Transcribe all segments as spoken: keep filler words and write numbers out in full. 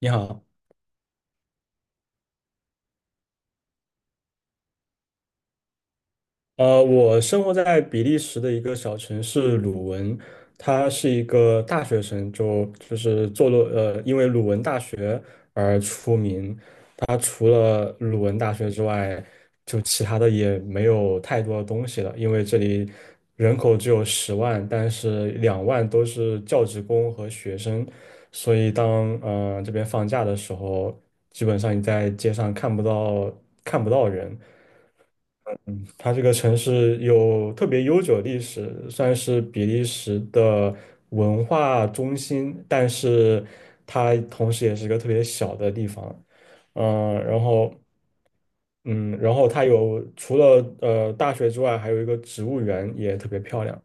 你好。呃，我生活在比利时的一个小城市鲁汶，它是一个大学城，就就是坐落呃，因为鲁汶大学而出名。它除了鲁文大学之外，就其他的也没有太多的东西了，因为这里人口只有十万，但是两万都是教职工和学生，所以当呃这边放假的时候，基本上你在街上看不到看不到人。它这个城市有特别悠久的历史，算是比利时的文化中心，但是它同时也是一个特别小的地方。嗯、然后嗯，然后它有除了呃大学之外，还有一个植物园也特别漂亮。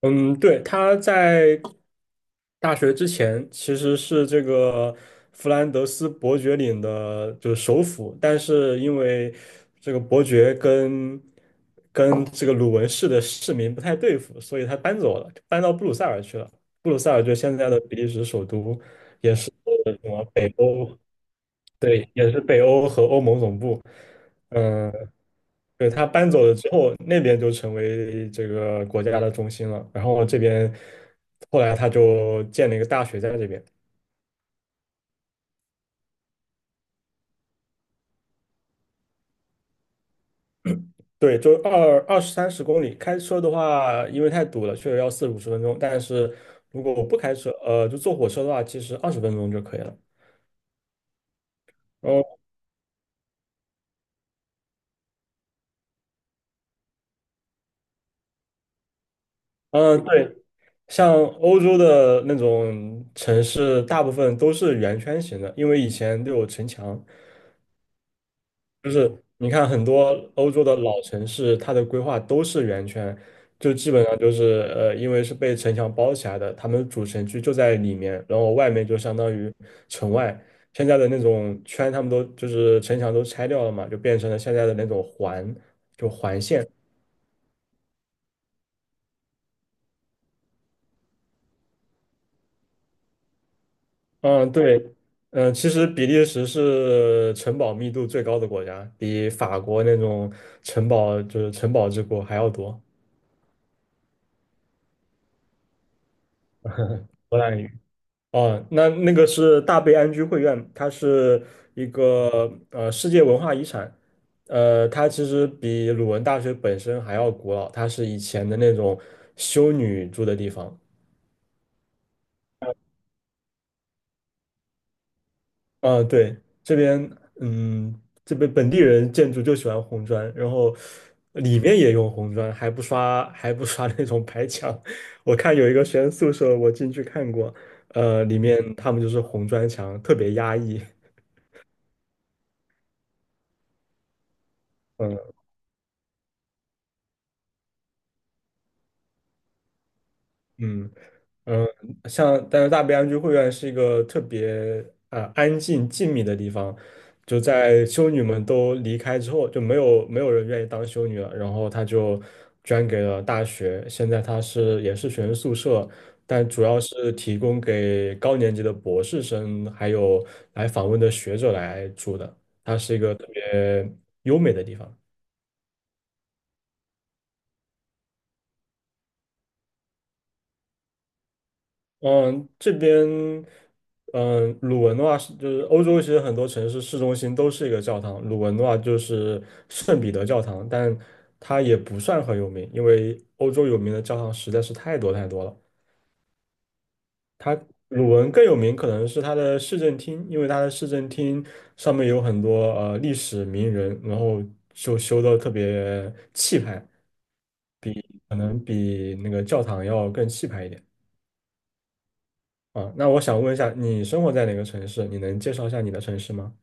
嗯，对。他在大学之前其实是这个弗兰德斯伯爵领的，就是首府，但是因为这个伯爵跟跟这个鲁文市的市民不太对付，所以他搬走了，搬到布鲁塞尔去了。布鲁塞尔就是现在的比利时首都，也是什么北欧。对，也是北欧和欧盟总部。嗯，对。他搬走了之后，那边就成为这个国家的中心了。然后这边后来他就建了一个大学在这边。对，就二二十三十公里。开车的话，因为太堵了，确实要四五十分钟。但是如果我不开车，呃，就坐火车的话，其实二十分钟就可以了。哦，嗯，对。像欧洲的那种城市，大部分都是圆圈形的，因为以前都有城墙，就是你看很多欧洲的老城市，它的规划都是圆圈，就基本上就是呃，因为是被城墙包起来的，他们主城区就在里面，然后外面就相当于城外。现在的那种圈，他们都就是城墙都拆掉了嘛，就变成了现在的那种环。嗯，对。嗯，其实比利时是城堡密度最高的国家，比法国那种城堡就是城堡之国还要多。荷兰哦，那那个是大悲安居会院，它是一个呃世界文化遗产，呃，它其实比鲁文大学本身还要古老，它是以前的那种修女住的地方。啊，对。这边嗯，这边本地人建筑就喜欢红砖，然后里面也用红砖，还不刷还不刷那种白墙。我看有一个学生宿舍，我进去看过，呃，里面他们就是红砖墙，特别压抑。嗯嗯。嗯，像但是大悲安居会院是一个特别啊呃安静静谧的地方，就在修女们都离开之后，就没有没有人愿意当修女了，然后她就捐给了大学，现在她是也是学生宿舍，但主要是提供给高年级的博士生还有来访问的学者来住的，它是一个特别优美的地方。嗯，这边，嗯，鲁文的话是就是欧洲，其实很多城市市中心都是一个教堂。鲁文的话就是圣彼得教堂，但它也不算很有名，因为欧洲有名的教堂实在是太多太多了。它鲁文更有名可能是它的市政厅，因为它的市政厅上面有很多呃历史名人，然后就修的特别气派，可能比那个教堂要更气派一点。啊，那我想问一下，你生活在哪个城市？你能介绍一下你的城市吗？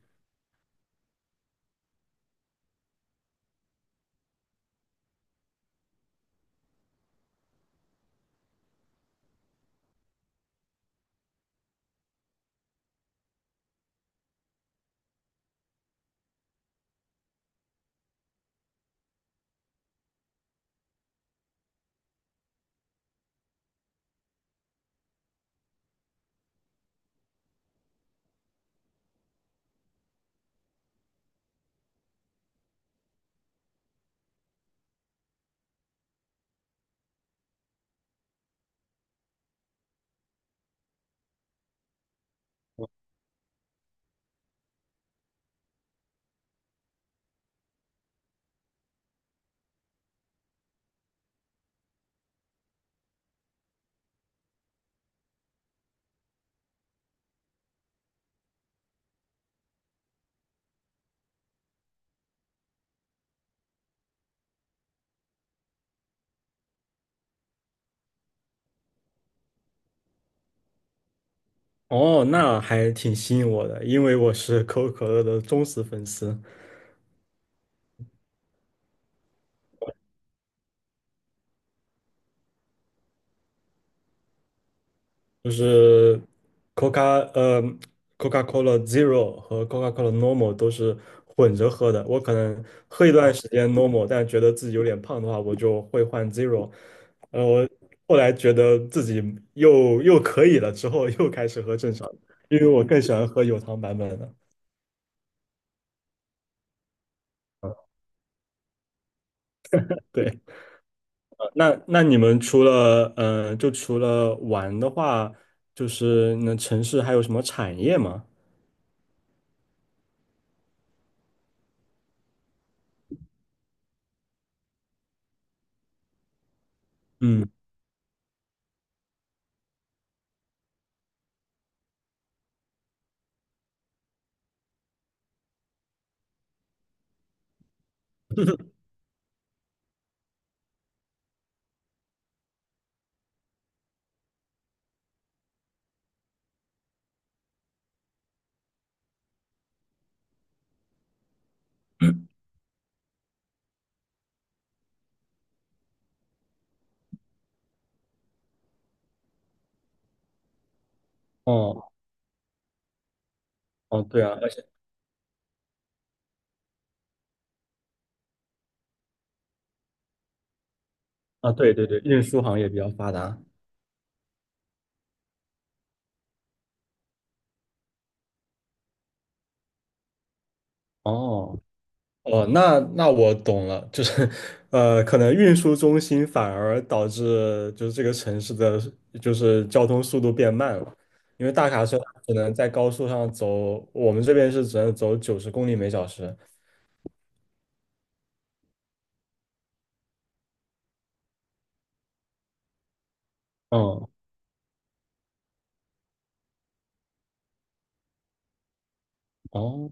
哦，那还挺吸引我的，因为我是 可口可乐的忠实粉丝，就是 Coca 呃 Coca-Cola Zero 和 Coca-Cola Normal 都是混着喝的。我可能喝一段时间 Normal，但觉得自己有点胖的话，我就会换 Zero。呃，我后来觉得自己又又可以了，之后又开始喝正常的，因为我更喜欢喝有糖版本的。对。那那你们除了嗯、呃就除了玩的话，就是那城市还有什么产业吗？嗯。哦哦，对啊，而且啊，对对对，运输行业比较发达。哦哦，那那我懂了，就是 呃，可能运输中心反而导致就是这个城市的就是交通速度变慢了，因为大卡车它只能在高速上走，我们这边是只能走九十公里每小时。嗯，哦，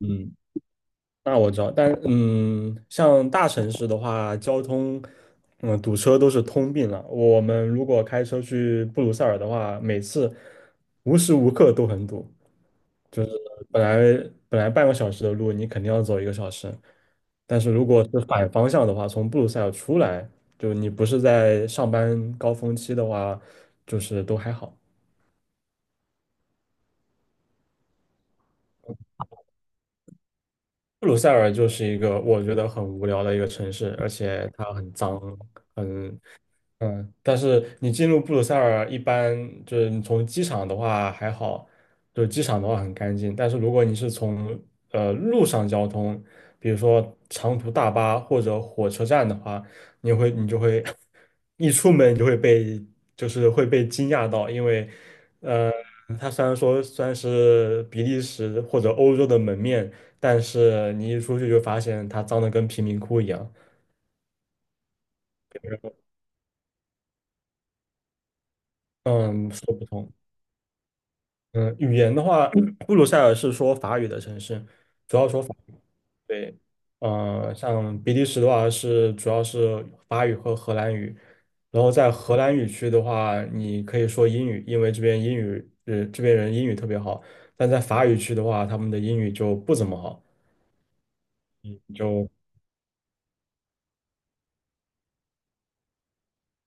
嗯。那我知道，但嗯，像大城市的话，交通，嗯，堵车都是通病了。我们如果开车去布鲁塞尔的话，每次无时无刻都很堵，就是本来本来半个小时的路，你肯定要走一个小时。但是如果是反方向的话，从布鲁塞尔出来，就你不是在上班高峰期的话，就是都还好。布鲁塞尔就是一个我觉得很无聊的一个城市，而且它很脏。很。嗯，但是你进入布鲁塞尔，一般就是你从机场的话还好，就是机场的话很干净。但是如果你是从呃路上交通，比如说长途大巴或者火车站的话，你会你就会 一出门你就会被就是会被惊讶到，因为呃，它虽然说算是比利时或者欧洲的门面，但是你一出去就发现它脏的跟贫民窟一样。嗯，说不通。嗯，语言的话，布鲁塞尔是说法语的城市，主要说法语。对，呃，像比利时的话是主要是法语和荷兰语，然后在荷兰语区的话，你可以说英语，因为这边英语，呃，这边人英语特别好，但在法语区的话，他们的英语就不怎么好。嗯就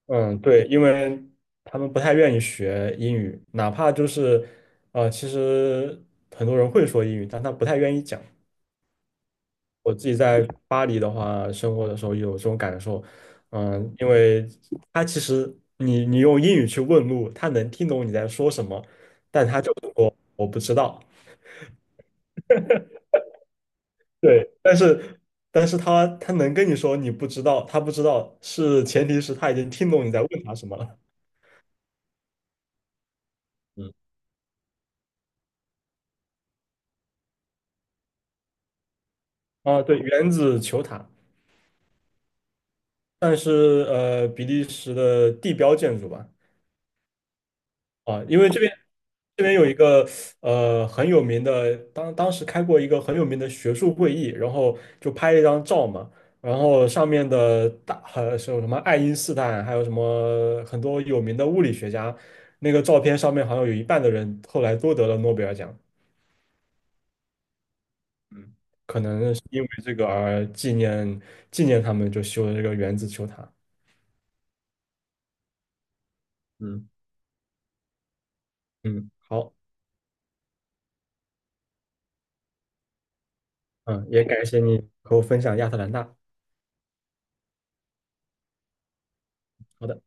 嗯，对，因为他们不太愿意学英语，哪怕就是，呃，其实很多人会说英语，但他不太愿意讲。我自己在巴黎的话，生活的时候有这种感受，嗯，因为他其实你你用英语去问路，他能听懂你在说什么，但他就说我不知道。对，但是但是他他能跟你说你不知道，他不知道是前提是他已经听懂你在问他什么了。啊，对，原子球塔，算是呃比利时的地标建筑吧。啊，因为这边这边有一个呃很有名的，当当时开过一个很有名的学术会议，然后就拍了一张照嘛，然后上面的大呃是有什么爱因斯坦，还有什么很多有名的物理学家，那个照片上面好像有一半的人后来都得了诺贝尔奖。嗯，可能是因为这个而纪念纪念他们，就修了这个原子球塔。嗯，嗯，好，嗯，也感谢你和我分享亚特兰大。好的。